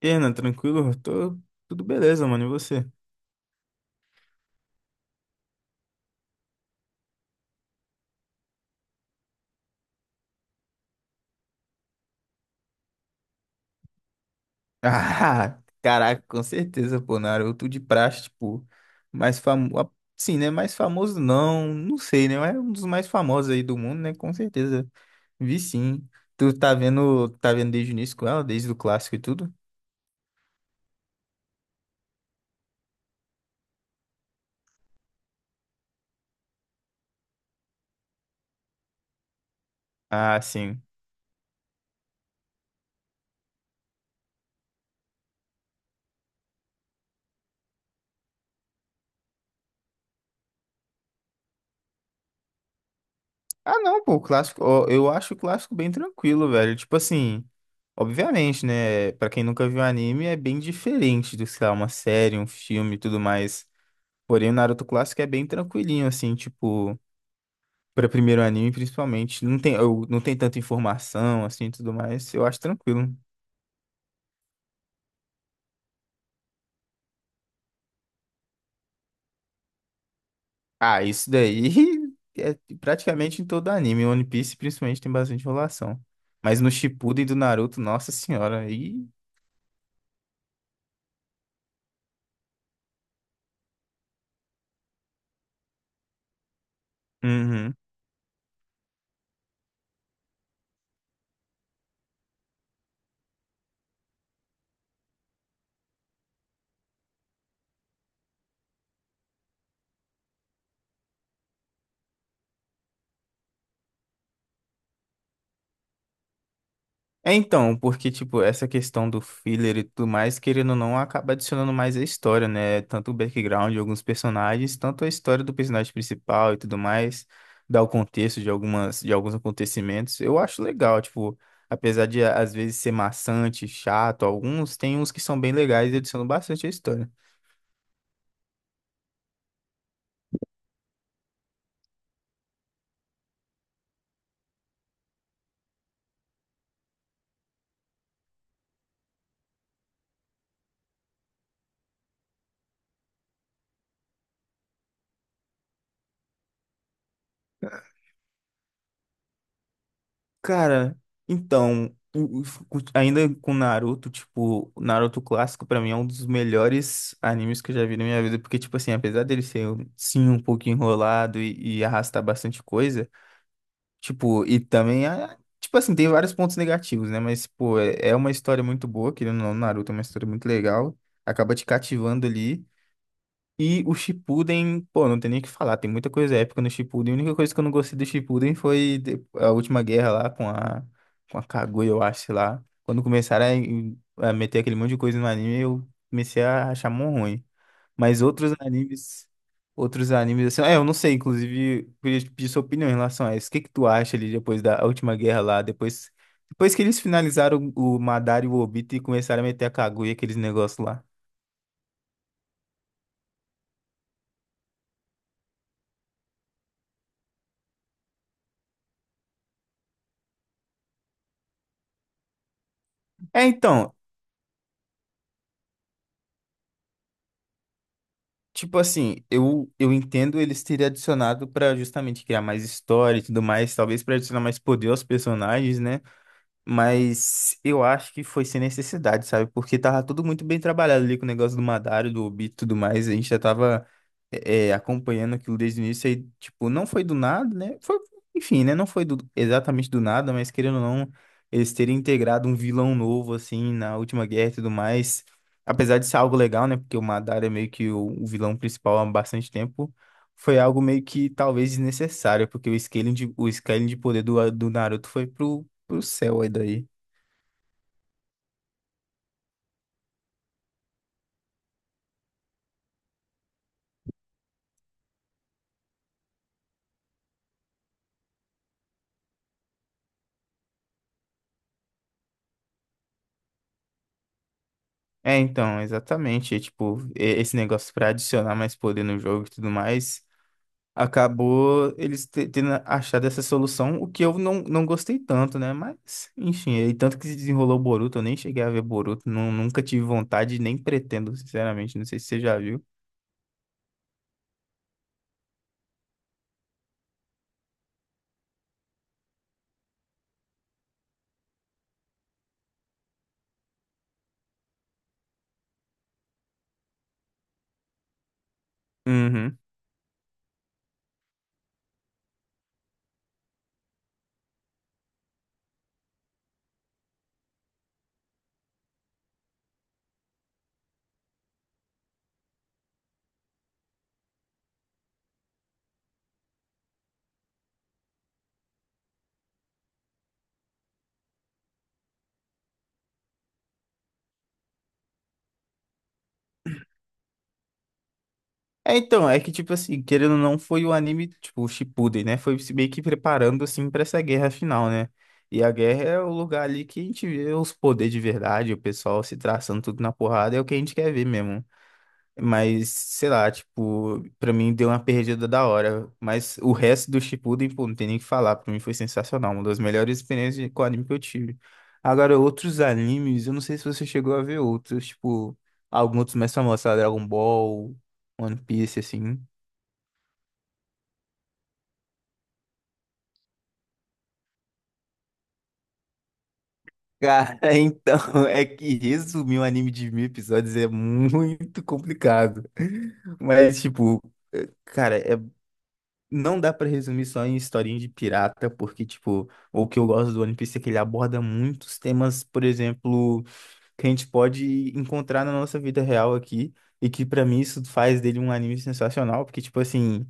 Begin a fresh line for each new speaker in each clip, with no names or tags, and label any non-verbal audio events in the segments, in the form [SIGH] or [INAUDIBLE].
E aí, Renan, tranquilo? Tô tudo beleza, mano. E você? [LAUGHS] Ah, caraca, com certeza, pô, Naruto de praxe, tipo, mais famoso. Sim, né? Mais famoso não, não sei, né? Mas é um dos mais famosos aí do mundo, né? Com certeza. Vi sim. Tu tá vendo desde o início com ela, desde o clássico e tudo? Ah, sim. Ah, não, pô, o clássico, ó, eu acho o clássico bem tranquilo, velho. Tipo assim, obviamente, né? Pra quem nunca viu anime, é bem diferente do, sei lá, uma série, um filme e tudo mais. Porém, o Naruto clássico é bem tranquilinho, assim, tipo, para primeiro anime, principalmente. Não tem, não tem tanta informação, assim, e tudo mais. Eu acho tranquilo. Ah, isso daí [LAUGHS] é praticamente em todo anime. One Piece, principalmente, tem bastante enrolação. Mas no Shippuden do Naruto, nossa senhora, aí. Uhum. É então, porque, tipo, essa questão do filler e tudo mais, querendo ou não, acaba adicionando mais a história, né? Tanto o background de alguns personagens, tanto a história do personagem principal e tudo mais, dá o contexto de algumas, de alguns acontecimentos. Eu acho legal, tipo, apesar de às vezes ser maçante, chato, alguns tem uns que são bem legais e adicionam bastante a história. Cara, então, o- o- ainda com Naruto, tipo, o Naruto clássico pra mim é um dos melhores animes que eu já vi na minha vida, porque, tipo assim, apesar dele ser, um, sim, um pouco enrolado e arrastar bastante coisa, tipo, e também, ah, tipo assim, tem vários pontos negativos, né? Mas, pô, é uma história muito boa, querendo ou não, Naruto é uma história muito legal, acaba te cativando ali. E o Shippuden, pô, não tem nem o que falar, tem muita coisa épica no Shippuden. A única coisa que eu não gostei do Shippuden foi a última guerra lá com a Kaguya, eu acho, sei lá. Quando começaram a, a meter aquele monte de coisa no anime, eu comecei a achar mó ruim. Mas outros animes, assim, é, eu não sei, inclusive, eu queria te pedir sua opinião em relação a isso. O que que tu acha ali depois da última guerra lá, depois, depois que eles finalizaram o Madara e o Obito e começaram a meter a Kaguya, aqueles negócios lá? É, então, tipo assim, eu entendo eles terem adicionado pra justamente criar mais história e tudo mais, talvez pra adicionar mais poder aos personagens, né? Mas eu acho que foi sem necessidade, sabe? Porque tava tudo muito bem trabalhado ali com o negócio do Madário, do Obi e tudo mais. A gente já tava acompanhando aquilo desde o início. Aí, tipo, não foi do nada, né? Foi, enfim, né? Não foi exatamente do nada, mas querendo ou não, eles terem integrado um vilão novo, assim, na última guerra e tudo mais. Apesar de ser algo legal, né? Porque o Madário é meio que o vilão principal há bastante tempo. Foi algo meio que talvez desnecessário, porque o scaling de poder do Naruto foi pro céu aí daí. É, então, exatamente. Tipo, esse negócio pra adicionar mais poder no jogo e tudo mais, acabou eles tendo achado essa solução, o que eu não gostei tanto, né? Mas, enfim, e tanto que se desenrolou o Boruto, eu nem cheguei a ver Boruto, nunca tive vontade, nem pretendo, sinceramente. Não sei se você já viu. Uhum. É, então, é que, tipo assim, querendo ou não, foi o anime, tipo, o Shippuden, né? Foi se meio que preparando, assim, pra essa guerra final, né? E a guerra é o lugar ali que a gente vê os poderes de verdade, o pessoal se traçando tudo na porrada, é o que a gente quer ver mesmo. Mas, sei lá, tipo, pra mim deu uma perdida da hora. Mas o resto do Shippuden, pô, não tem nem o que falar. Pra mim foi sensacional. Uma das melhores experiências com anime que eu tive. Agora, outros animes, eu não sei se você chegou a ver outros, tipo, alguns outros mais famosos, sei lá, Dragon Ball, One Piece, assim. Cara, [LAUGHS] então, é que resumir um anime de mil episódios é muito complicado. Mas, tipo, cara, não dá pra resumir só em historinha de pirata, porque, tipo, o que eu gosto do One Piece é que ele aborda muitos temas, por exemplo, que a gente pode encontrar na nossa vida real aqui, e que pra mim isso faz dele um anime sensacional, porque, tipo assim.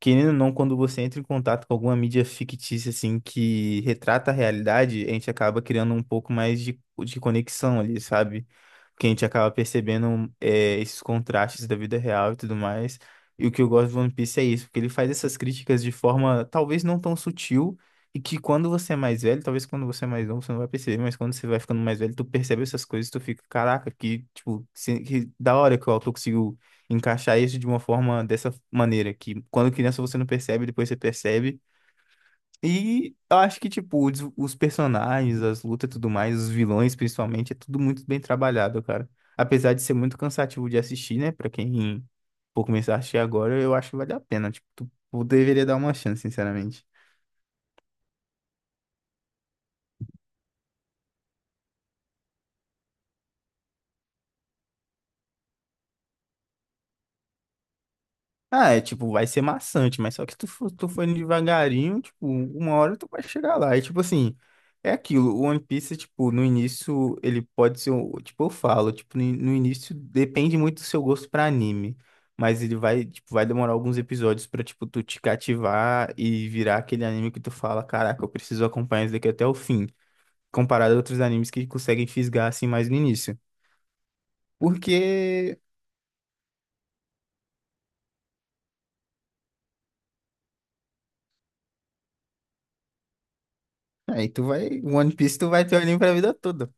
Querendo ou não, quando você entra em contato com alguma mídia fictícia, assim, que retrata a realidade, a gente acaba criando um pouco mais de conexão ali, sabe? Porque a gente acaba percebendo é, esses contrastes da vida real e tudo mais. E o que eu gosto do One Piece é isso, porque ele faz essas críticas de forma talvez não tão sutil, e que quando você é mais velho, talvez quando você é mais novo, você não vai perceber, mas quando você vai ficando mais velho, tu percebe essas coisas, tu fica, caraca, que, tipo, que da hora que o autor conseguiu encaixar isso de uma forma dessa maneira, que quando criança você não percebe, depois você percebe. E eu acho que, tipo, os personagens, as lutas e tudo mais, os vilões principalmente, é tudo muito bem trabalhado, cara. Apesar de ser muito cansativo de assistir, né? Pra quem for começar a assistir agora, eu acho que vale a pena. Tipo, tu deveria dar uma chance, sinceramente. Ah, é tipo, vai ser maçante, mas só que tu for indo devagarinho, tipo, uma hora tu vai chegar lá. E tipo assim, é aquilo, o One Piece, tipo, no início ele pode ser, tipo, eu falo, tipo, no início depende muito do seu gosto pra anime, mas ele vai, tipo, vai demorar alguns episódios pra, tipo, tu te cativar e virar aquele anime que tu fala, caraca, eu preciso acompanhar isso daqui até o fim, comparado a outros animes que conseguem fisgar assim mais no início. Porque aí tu vai, One Piece tu vai ter o anime pra vida toda.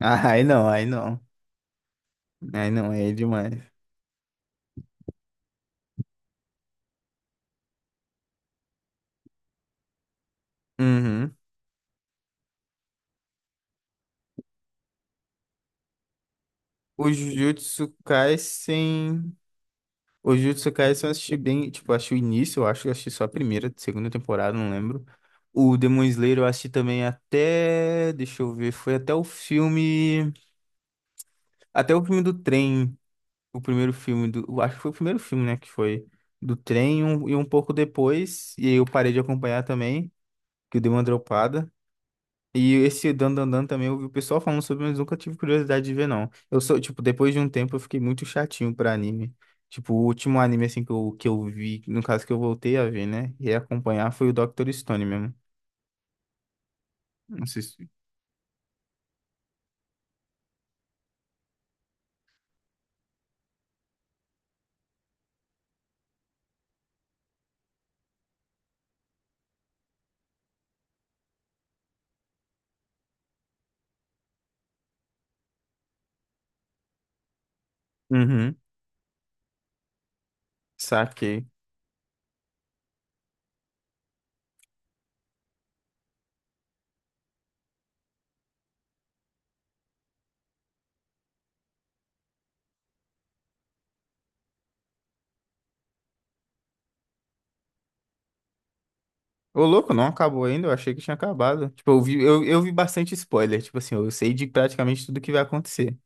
Ah, aí não, aí não. Aí não, aí é demais. Uhum. Os Jujutsu Kaisen. Os Jujutsu Kaisen eu assisti bem, tipo, eu acho o início, eu acho que eu assisti só a primeira, segunda temporada, não lembro. O Demon Slayer eu assisti também até, deixa eu ver, foi até o filme do trem, o primeiro filme do, eu acho que foi o primeiro filme, né, que foi do trem e um pouco depois, e aí eu parei de acompanhar também, que eu dei uma dropada. E esse Dan Dan Dan também eu vi o pessoal falando sobre, mas nunca tive curiosidade de ver, não. Eu sou, tipo, depois de um tempo eu fiquei muito chatinho pra anime. Tipo, o último anime, assim, que que eu vi, no caso que eu voltei a ver, né? E acompanhar foi o Dr. Stone mesmo. Não sei se... Uhum, saquei. Ô, louco, não acabou ainda, eu achei que tinha acabado. Tipo, eu vi, eu vi bastante spoiler, tipo assim, eu sei de praticamente tudo que vai acontecer.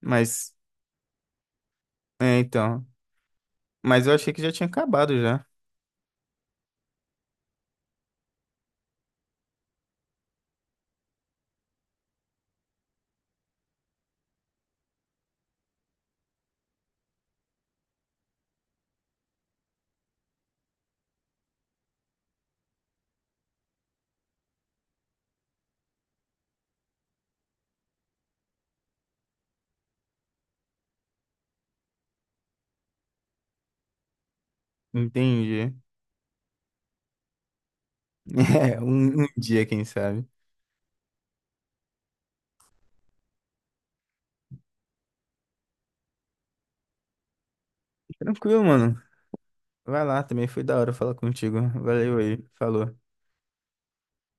Mas, é, então... Mas eu achei que já tinha acabado já. Entendi. [LAUGHS] É, um dia, quem sabe. Tranquilo, mano. Vai lá, também foi da hora falar contigo. Valeu aí, falou.